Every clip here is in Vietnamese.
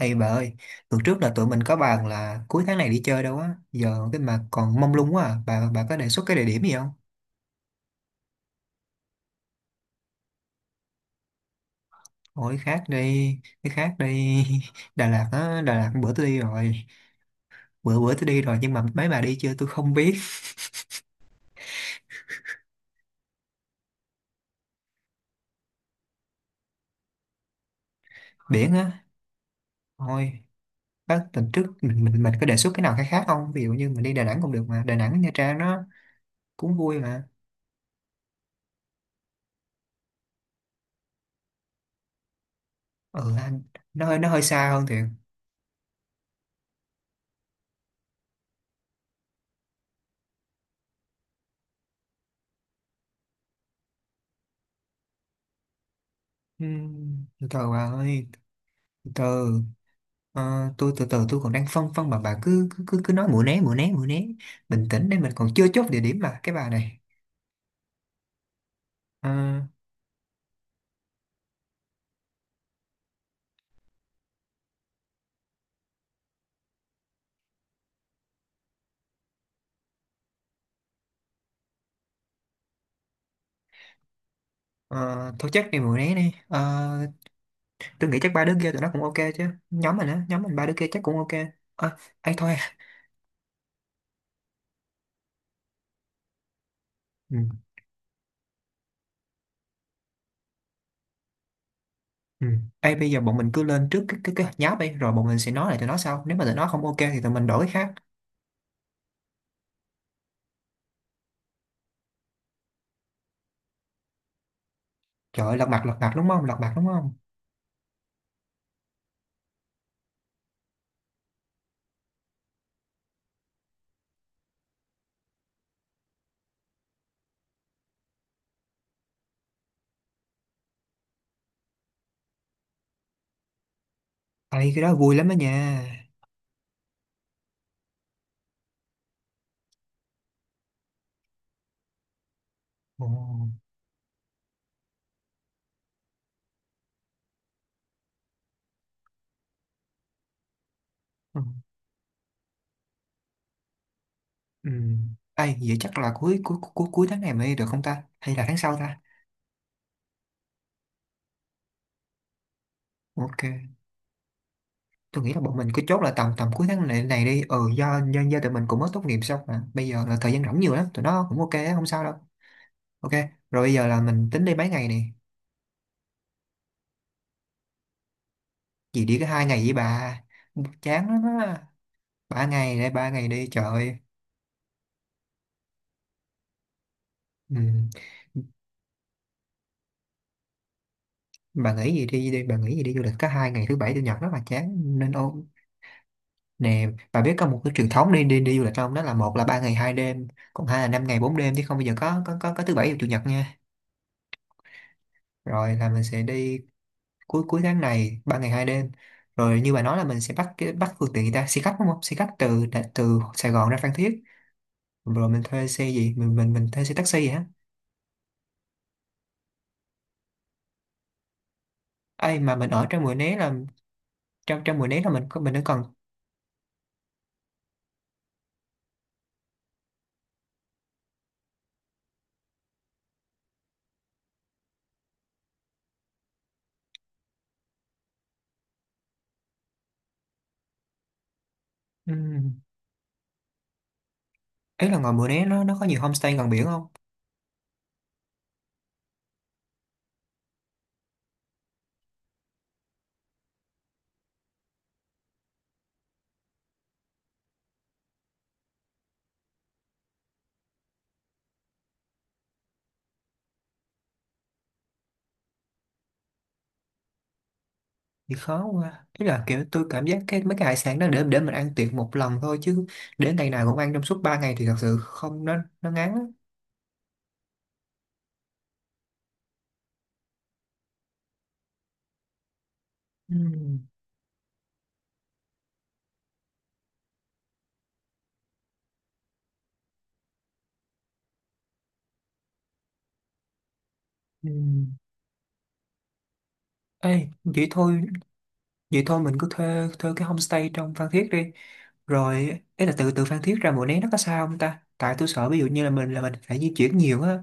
Ê bà ơi, tuần trước là tụi mình có bàn là cuối tháng này đi chơi đâu á, giờ cái mà còn mông lung quá à, bà có đề xuất cái địa điểm gì không? Ôi khác đi, cái khác đi, Đà Lạt á, Đà Lạt bữa tôi đi rồi, bữa bữa tôi đi rồi nhưng mà mấy bà đi chưa tôi không biết. Biển á, thôi, bác tuần trước mình có đề xuất cái nào khác khác không? Ví dụ như mình đi Đà Nẵng cũng được mà, Đà Nẵng Nha Trang nó cũng vui mà. Ừ, anh, nó hơi xa hơn thiệt. Ừ, từ từ bà ơi, từ từ. Ờ, tôi từ từ tôi còn đang phân phân mà bà cứ nói Mũi Né Mũi Né Mũi Né, bình tĩnh đây mình còn chưa chốt địa điểm mà cái bà này. Ờ, ờ, thôi chắc đi Mũi Né đi. Ờ, tôi nghĩ chắc ba đứa kia tụi nó cũng ok chứ, nhóm mình á, nhóm mình ba đứa kia chắc cũng ok. Ờ, ấy thôi. Ừ, ừ. Ê, bây giờ bọn mình cứ lên trước cái hạt nháp đi rồi bọn mình sẽ nói lại tụi nó sau, nếu mà tụi nó không ok thì tụi mình đổi cái khác. Trời ơi, lật mặt, lật mặt đúng không? Lật mặt đúng không? Ê, cái đó vui lắm đó nha. Ồ. Ừ. Ừ. Ai, vậy chắc là cuối cuối cuối cuối tháng này mới đi được không ta? Hay là tháng sau ta? Ok, tôi nghĩ là bọn mình cứ chốt là tầm tầm cuối tháng này này đi. Ừ, do tụi mình cũng mới tốt nghiệp xong mà. Bây giờ là thời gian rảnh nhiều lắm, tụi nó cũng ok, á, không sao đâu. Ok, rồi bây giờ là mình tính đi mấy ngày này. Gì đi có 2 ngày vậy bà. Chán lắm á. 3 ngày, để 3 ngày đi, trời ơi. Ừ. Bà nghĩ gì đi đi, bà nghĩ gì đi du lịch có 2 ngày thứ bảy chủ nhật rất là chán nên ô nè, bà biết có một cái truyền thống đi đi đi du lịch không? Đó là một là 3 ngày 2 đêm, còn hai là 5 ngày 4 đêm chứ không bây giờ có thứ bảy và chủ nhật nha. Rồi là mình sẽ đi cuối cuối tháng này 3 ngày 2 đêm. Rồi như bà nói là mình sẽ bắt cái, bắt phương tiện người ta xe khách đúng không, xe khách từ từ Sài Gòn ra Phan Thiết. Rồi mình thuê xe gì, mình thuê xe taxi vậy á? Ấy mà mình ở trong Mũi Né là trong trong Mũi Né là mình mình nó còn. ừm, ý là ngoài Mũi Né nó có nhiều homestay gần biển không? Thì khó quá, ý là kiểu tôi cảm giác cái mấy cái hải sản đó để mình ăn tiệc một lần thôi chứ để ngày nào cũng ăn trong suốt 3 ngày thì thật sự không, nó ngán á. Ừ. Ừ. Ê, vậy thôi, vậy thôi mình cứ thuê thuê cái homestay trong Phan Thiết đi. Rồi ý là từ từ Phan Thiết ra Mũi Né nó có xa không ta, tại tôi sợ ví dụ như là mình phải di chuyển nhiều á.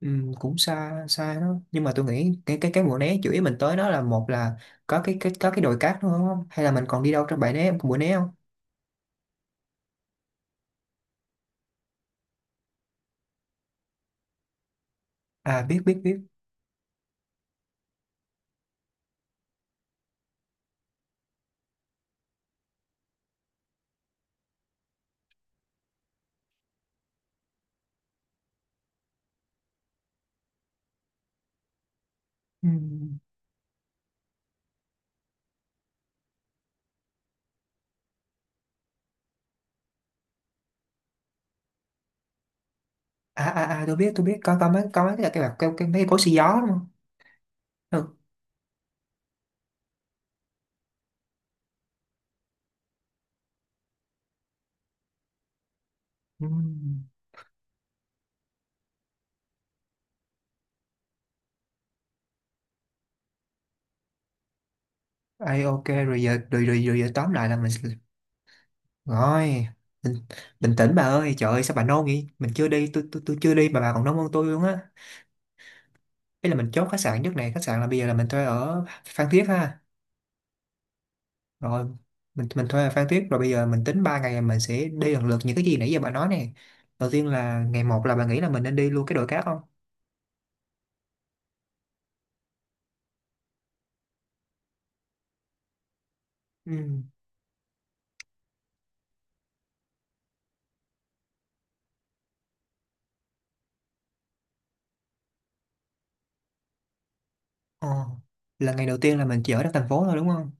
Ừ, cũng xa xa đó nhưng mà tôi nghĩ cái Mũi Né chủ yếu mình tới nó là một là có cái có cái đồi cát đúng không, hay là mình còn đi đâu trong bãi né Mũi Né không? À, biết biết biết. Ừ. À à à, tôi biết, tôi biết, có mấy có mấy cái cái mấy cối xì gió đúng không? Ừ. Ừ. Ai, ok rồi giờ rồi, rồi giờ tóm lại là mình sẽ- rồi bình, bình tĩnh bà ơi, trời ơi sao bà nôn vậy, mình chưa đi, tôi chưa đi mà bà còn nôn hơn tôi luôn á. Ý là mình chốt khách sạn trước này, khách sạn là bây giờ là mình thuê ở Phan Thiết ha. Rồi mình thuê ở Phan Thiết rồi bây giờ mình tính 3 ngày mình sẽ đi lần lượt những cái gì nãy giờ bà nói nè. Đầu tiên là ngày một, là bà nghĩ là mình nên đi luôn cái đồi cát không? Ừ. Ờ, là ngày đầu tiên là mình chỉ ở trong thành phố thôi đúng không?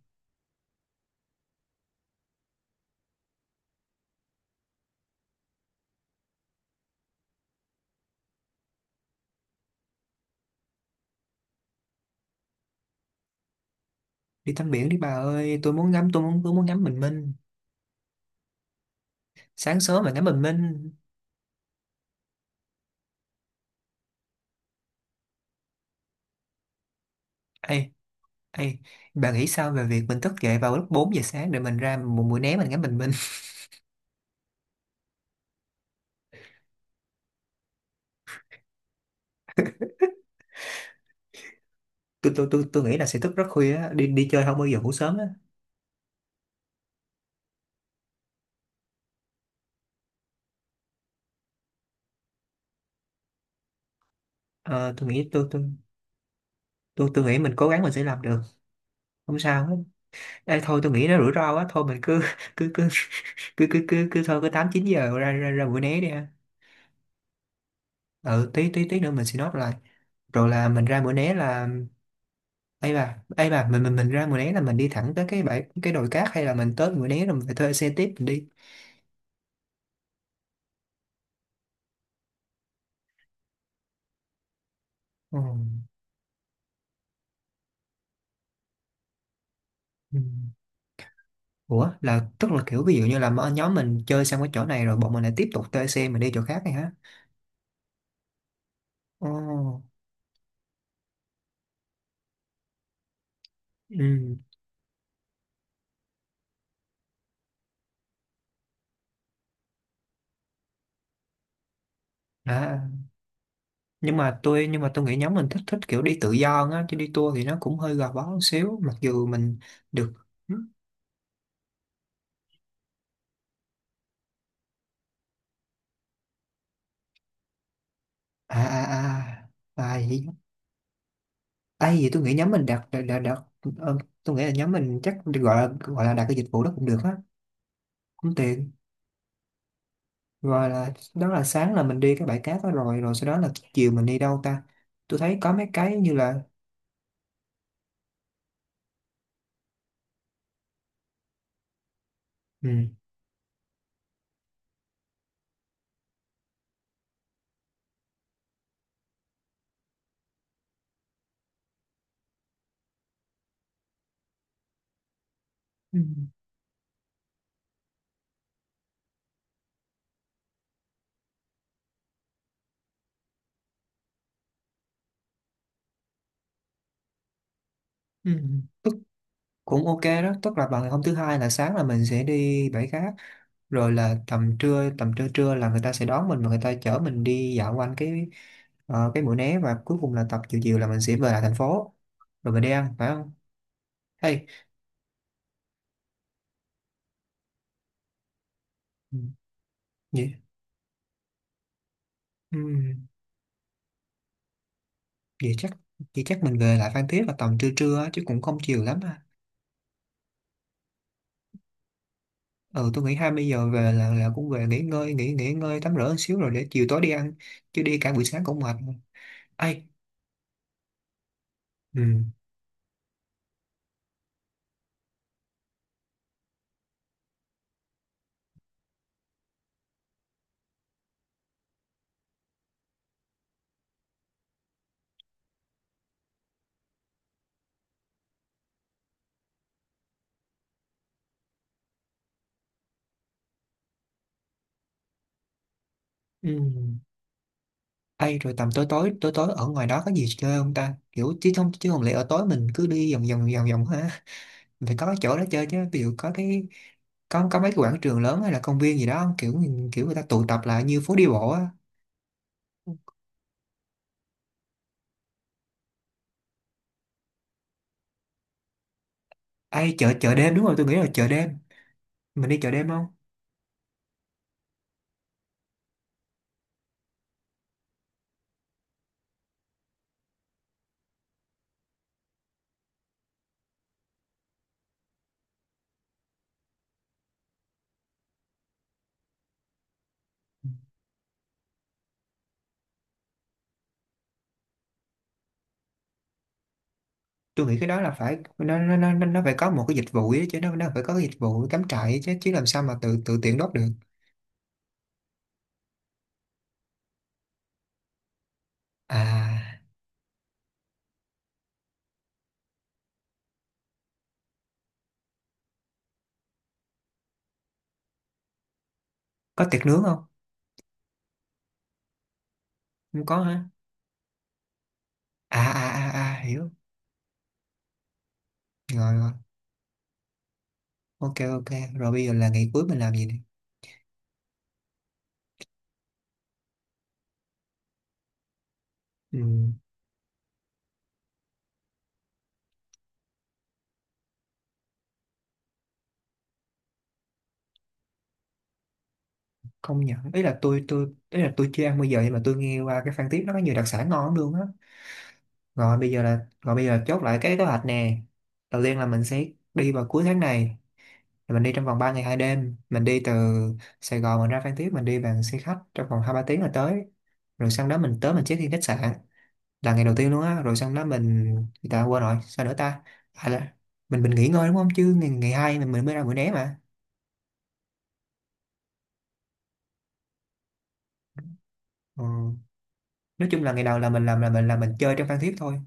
Đi tắm biển đi bà ơi, tôi muốn ngắm, tôi muốn ngắm bình minh sáng sớm mà ngắm bình minh. Ê, ê, bà nghĩ sao về việc mình thức dậy vào lúc 4 giờ sáng để mình ra một buổi né mình ngắm bình minh? Tôi nghĩ là sẽ thức rất khuya á, đi đi chơi không bao giờ ngủ sớm á. Ờ, tôi nghĩ tôi, tôi nghĩ mình cố gắng mình sẽ làm được, không sao hết. Ê thôi, tôi nghĩ nó rủi ro quá, thôi mình cứ cứ cứ cứ cứ cứ, cứ thôi cứ 8-9 giờ ra ra ra buổi né đi ha. Ừ, tí tí tí nữa mình sẽ nốt lại. Rồi là mình ra bữa né là. Ấy bà, ấy bà, mình ra Mũi Né là mình đi thẳng tới cái bãi, cái đồi cát hay là mình tới Mũi Né rồi mình phải thuê xe tiếp mình đi? Ồ, ừ. Ủa là tức là kiểu ví dụ như là mà nhóm mình chơi xong cái chỗ này rồi bọn mình lại tiếp tục thuê xe mình đi chỗ khác này hả? Ồ, ừ. À, nhưng mà tôi, nhưng mà tôi nghĩ nhóm mình thích, thích kiểu đi tự do hơn á, chứ đi tour thì nó cũng hơi gò bó một xíu mặc dù mình được. À à à à, gì? À, gì tôi nghĩ nhóm mình đặt ờ, tôi nghĩ là nhóm mình chắc gọi là, gọi là đặt cái dịch vụ đó cũng được á, cũng tiện. Rồi là đó là sáng là mình đi cái bãi cát đó rồi rồi sau đó là chiều mình đi đâu ta, tôi thấy có mấy cái như là ừ, ừ, ừ, tức cũng ok đó, tức là bằng hôm thứ hai là sáng là mình sẽ đi bãi cát, rồi là tầm trưa trưa là người ta sẽ đón mình và người ta chở mình đi dạo quanh cái Mũi Né, và cuối cùng là tập chiều chiều là mình sẽ về lại thành phố, rồi mình đi ăn phải không? Hay ừ, vậy, ừ, vậy chắc, vậy chắc mình về lại Phan Thiết là tầm trưa trưa á, chứ cũng không chiều lắm à. Ừ tôi nghĩ 20 giờ về là cũng về nghỉ ngơi, nghỉ nghỉ ngơi tắm rửa một xíu rồi để chiều tối đi ăn, chứ đi cả buổi sáng cũng mệt. Ai ừ ừ, ai rồi tầm tối tối tối tối ở ngoài đó có gì chơi không ta, kiểu chứ không, chứ không lẽ ở tối mình cứ đi vòng vòng ha, phải có cái chỗ đó chơi chứ, ví dụ có cái có mấy cái quảng trường lớn hay là công viên gì đó không? Kiểu kiểu người ta tụ tập lại như phố đi bộ á. Ai chợ, chợ đêm, đúng rồi tôi nghĩ là chợ đêm, mình đi chợ đêm không? Tôi nghĩ cái đó là phải nó phải có một cái dịch vụ ấy, chứ nó phải có cái dịch vụ cắm trại ấy chứ chứ làm sao mà tự tự tiện đốt được. À, có tiệc nướng không? Không có hả? À à à à, hiểu. Rồi rồi, ok ok, rồi bây giờ là ngày cuối mình làm gì nè? Ừ, không nhận, ý là tôi, ý là tôi chưa ăn bây giờ nhưng mà tôi nghe qua cái Phan Thiết nó có nhiều đặc sản ngon lắm luôn á. Rồi bây giờ là, rồi bây giờ chốt lại cái kế hoạch nè. Đầu tiên là mình sẽ đi vào cuối tháng này, mình đi trong vòng 3 ngày 2 đêm, mình đi từ Sài Gòn mình ra Phan Thiết, mình đi bằng xe khách trong vòng 2-3 tiếng là tới, rồi sau đó mình tới mình check in khách sạn, là ngày đầu tiên luôn á. Rồi sau đó mình, người ta quên rồi sao nữa ta. À là mình nghỉ ngơi đúng không, chứ ngày, ngày hai mình mới ra Mũi Né mà. Ừ. Nói chung là ngày đầu là mình làm là mình, là mình chơi trong Phan Thiết thôi,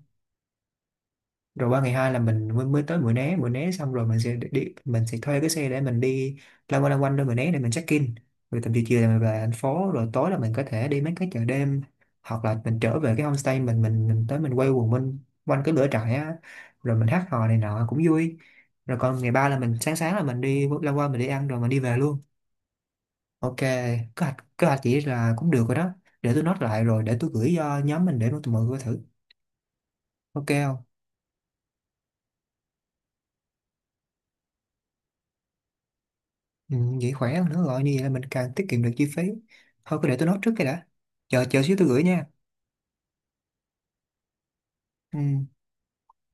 rồi qua ngày hai là mình mới, mới tới Mũi Né Mũi Né xong rồi mình sẽ đi mình sẽ thuê cái xe để mình đi lăn quanh, lăn quanh đôi Mũi Né để mình check in, rồi tầm chiều chiều là mình về thành phố, rồi tối là mình có thể đi mấy cái chợ đêm hoặc là mình trở về cái homestay mình, mình tới mình quay quần bên quanh cái lửa trại á, rồi mình hát hò này nọ cũng vui. Rồi còn ngày ba là mình sáng sáng là mình đi lăn quanh mình đi ăn rồi mình đi về luôn. Ok kế hoạch, kế hoạch chỉ là cũng được rồi đó, để tôi note lại rồi để tôi gửi cho nhóm mình để tụi mọi người thử, ok không? Ừ, vậy khỏe hơn nữa rồi, như vậy là mình càng tiết kiệm được chi phí. Thôi cứ để tôi nốt trước cái đã, chờ chờ xíu tôi gửi nha. Ừ.